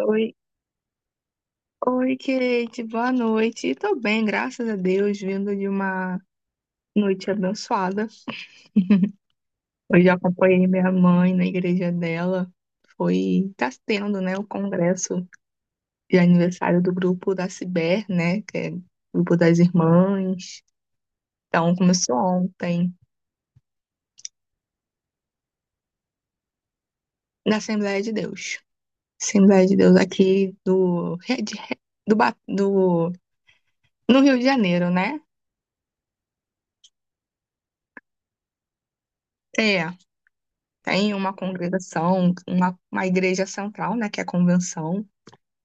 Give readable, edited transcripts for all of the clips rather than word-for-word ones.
Oi, oi, Kate, boa noite. Tô bem, graças a Deus, vindo de uma noite abençoada. Hoje eu acompanhei minha mãe na igreja dela. Foi, tá tendo, né, o congresso de aniversário do grupo da Ciber, né, que é o grupo das irmãs. Então, começou ontem, na Assembleia de Deus. Assembleia de Deus aqui do, de- do, Ba- do, no Rio de Janeiro, né? É. Tem uma congregação, uma igreja central, né, que é a convenção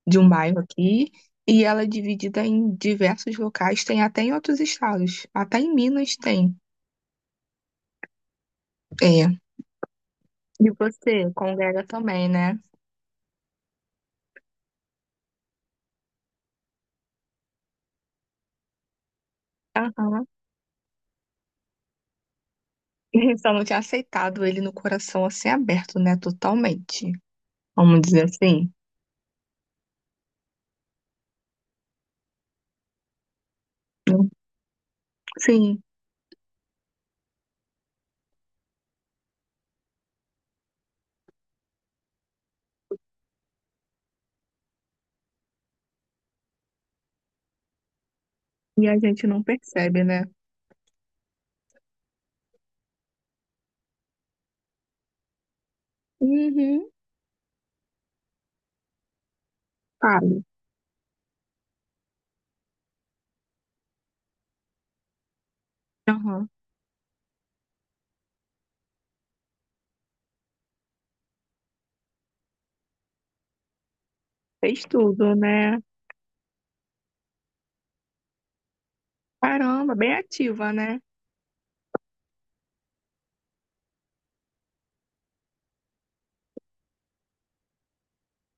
de um bairro aqui, e ela é dividida em diversos locais, tem até em outros estados, até em Minas tem. É. E você congrega também, né? Aham. Só não tinha aceitado ele no coração assim aberto, né? Totalmente. Vamos dizer assim. Não- Sim. E a gente não percebe, né? Uhum. Sabe? Aham. Fez tudo, né? Caramba, bem ativa, né?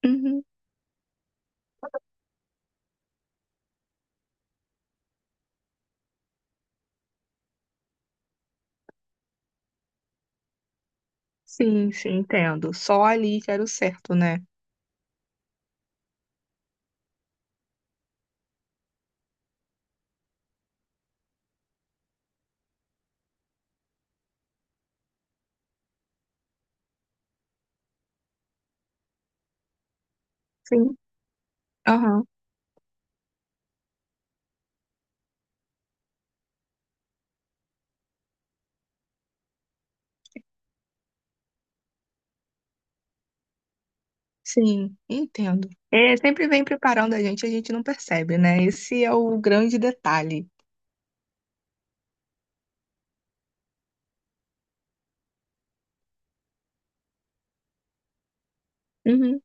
Uhum. Sim, sim, entendo. Só ali que era o certo, né? Sim. Aham, sim, entendo. É, sempre vem preparando a gente não percebe, né? Esse é o grande detalhe. Uhum.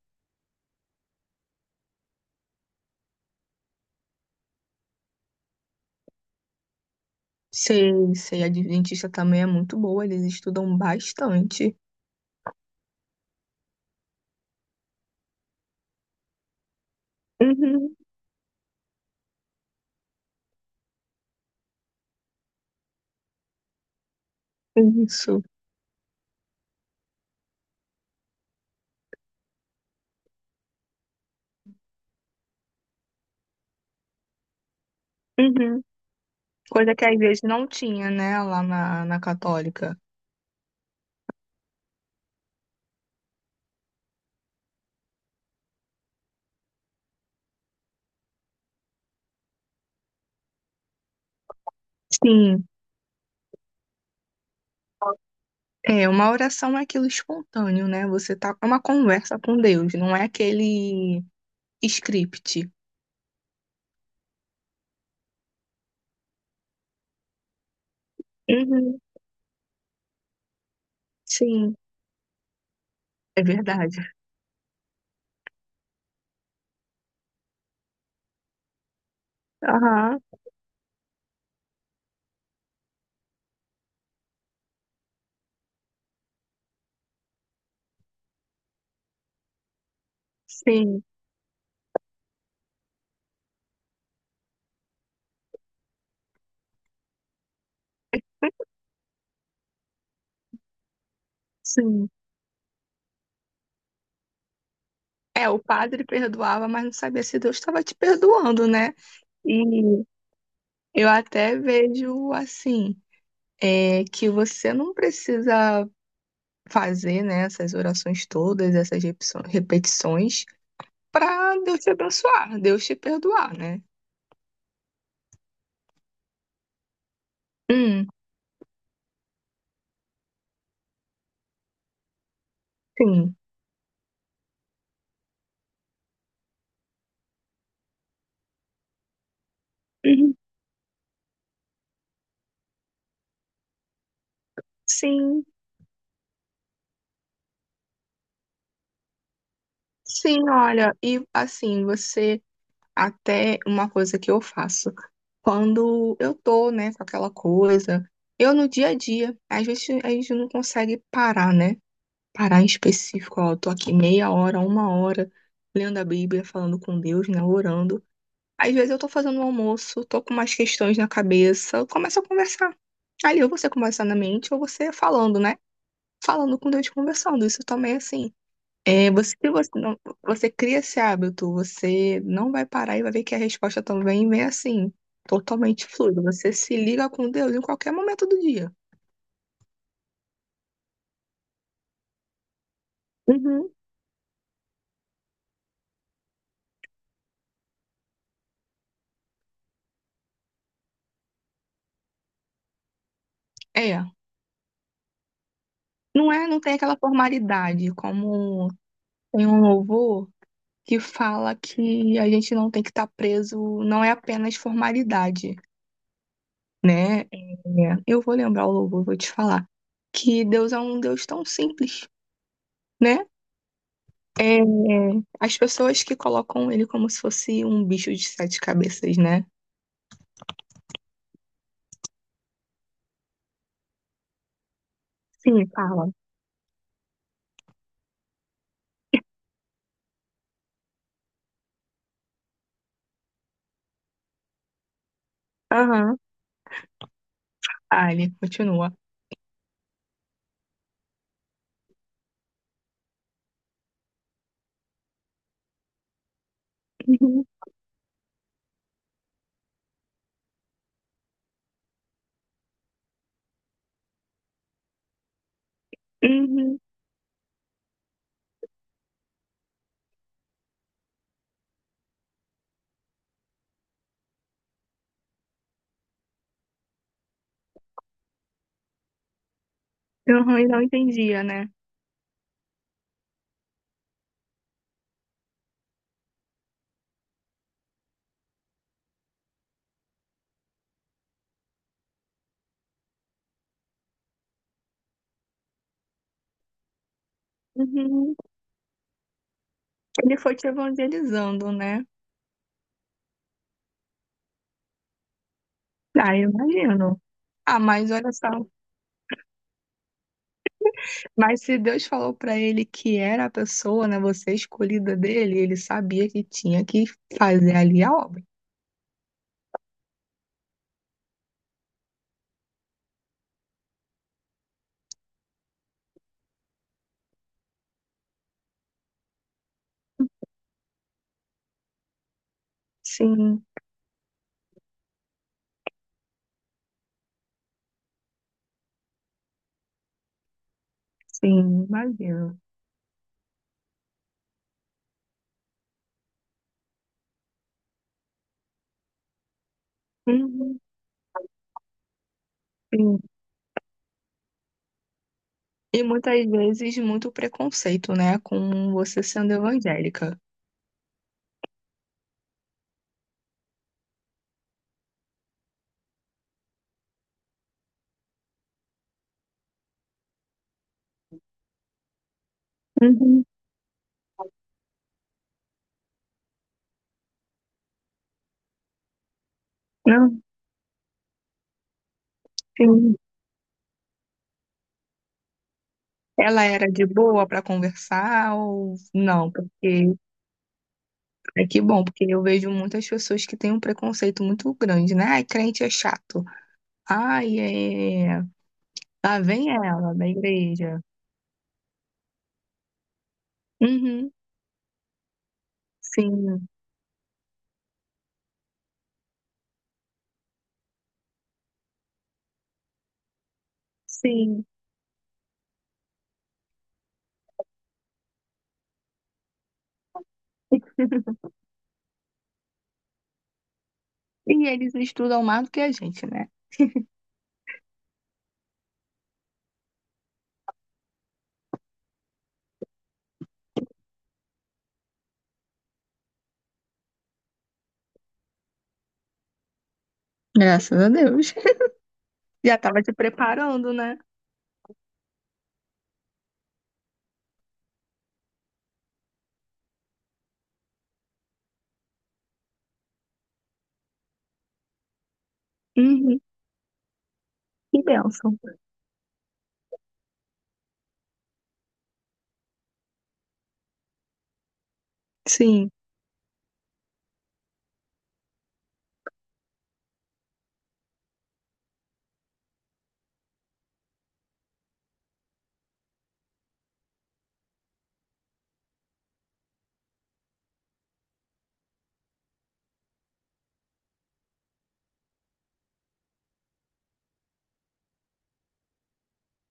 Sei, sei, a Adventista também é muito boa, eles estudam bastante. Uhum. Isso. Uhum. Coisa que às vezes não tinha, né, lá na católica. Sim, é, uma oração é aquilo espontâneo, né? Você tá com uma conversa com Deus, não é aquele script. Uhum. Sim, é verdade. Aham, sim, sim. É, o padre perdoava, mas não sabia se Deus estava te perdoando, né? E eu até vejo assim, é, que você não precisa fazer, né, essas orações todas, essas repetições, para Deus te abençoar, Deus te perdoar, né? Hum, sim. Uhum. Sim, sim, olha, e assim, você. Até uma coisa que eu faço quando eu tô, né, com aquela coisa, eu no dia a dia, às vezes a gente não consegue parar, né? Parar em específico, ó, eu tô aqui meia hora, uma hora, lendo a Bíblia, falando com Deus, né, orando. Às vezes eu tô fazendo um almoço, tô com umas questões na cabeça, eu começo a conversar. Ali, ou você conversando na mente, ou você falando, né? Falando com Deus, conversando. Isso também, é, assim, é, você, se você, não, você cria esse hábito, você não vai parar e vai ver que a resposta também vem assim, totalmente fluida. Você se liga com Deus em qualquer momento do dia. Uhum. É. Não é, não tem aquela formalidade, como tem um louvor que fala que a gente não tem que estar preso, não é apenas formalidade, né? É, eu vou lembrar o louvor, vou te falar, que Deus é um Deus tão simples, né? É, as pessoas que colocam ele como se fosse um bicho de sete cabeças, né? Sim, fala. Aham. Ah, ele continua. Uhum. Uhum. Uhum, e não entendia, né? Uhum. Ele foi te evangelizando, né? Ah, eu imagino. Ah, mas olha só. Mas se Deus falou pra ele que era a pessoa, né? Você escolhida dele, ele sabia que tinha que fazer ali a obra. Sim, sim, imagino. Uhum. Sim. E muitas vezes muito preconceito, né, com você sendo evangélica. Uhum. Não, sim. Ela era de boa para conversar ou não? Porque é que bom, porque eu vejo muitas pessoas que têm um preconceito muito grande, né? Ai, crente é chato. Ai, é. Lá vem ela da igreja. Uhum, sim, sim. E eles estudam mais do que a gente, né? Graças a Deus. Já estava te preparando, né? Uhum, que bênção. Sim.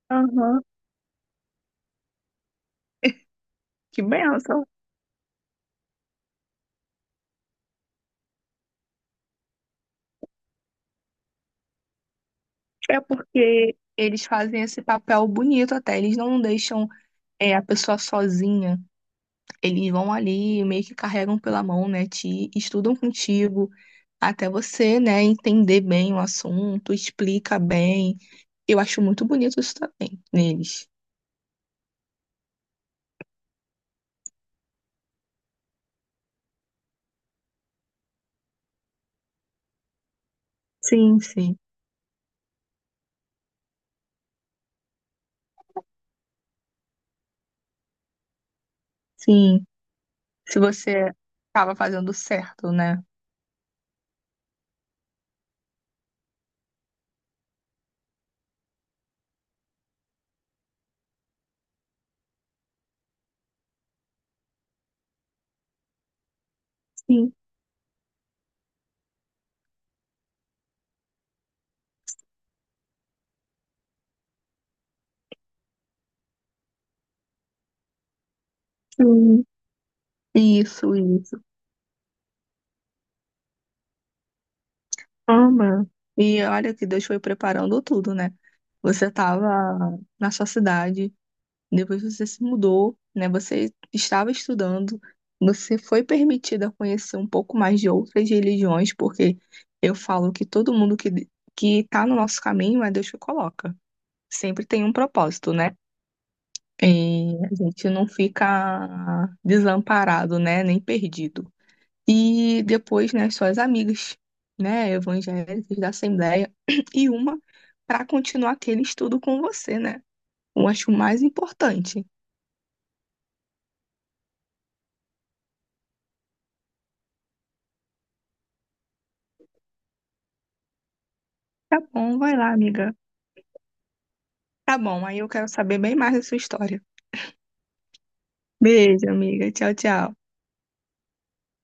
Aham. Que bênção. É porque eles fazem esse papel bonito até. Eles não deixam é, a pessoa sozinha. Eles vão ali, meio que carregam pela mão, né? Te estudam contigo até você, né, entender bem o assunto, explica bem. Eu acho muito bonito isso também neles. Sim, sim, sim. Se você estava fazendo certo, né? Sim, sim. Isso, isso. Ama. E olha que Deus foi preparando tudo, né? Você estava na sua cidade, depois você se mudou, né? Você estava estudando, você foi permitida conhecer um pouco mais de outras religiões, porque eu falo que todo mundo que está no nosso caminho é Deus que coloca. Sempre tem um propósito, né? E a gente não fica desamparado, né? Nem perdido. E depois, né, suas amigas, né, evangélicas da Assembleia, e uma para continuar aquele estudo com você, né? Eu acho o mais importante. Tá bom, vai lá, amiga. Tá bom, aí eu quero saber bem mais da sua história. Beijo, amiga. Tchau, tchau.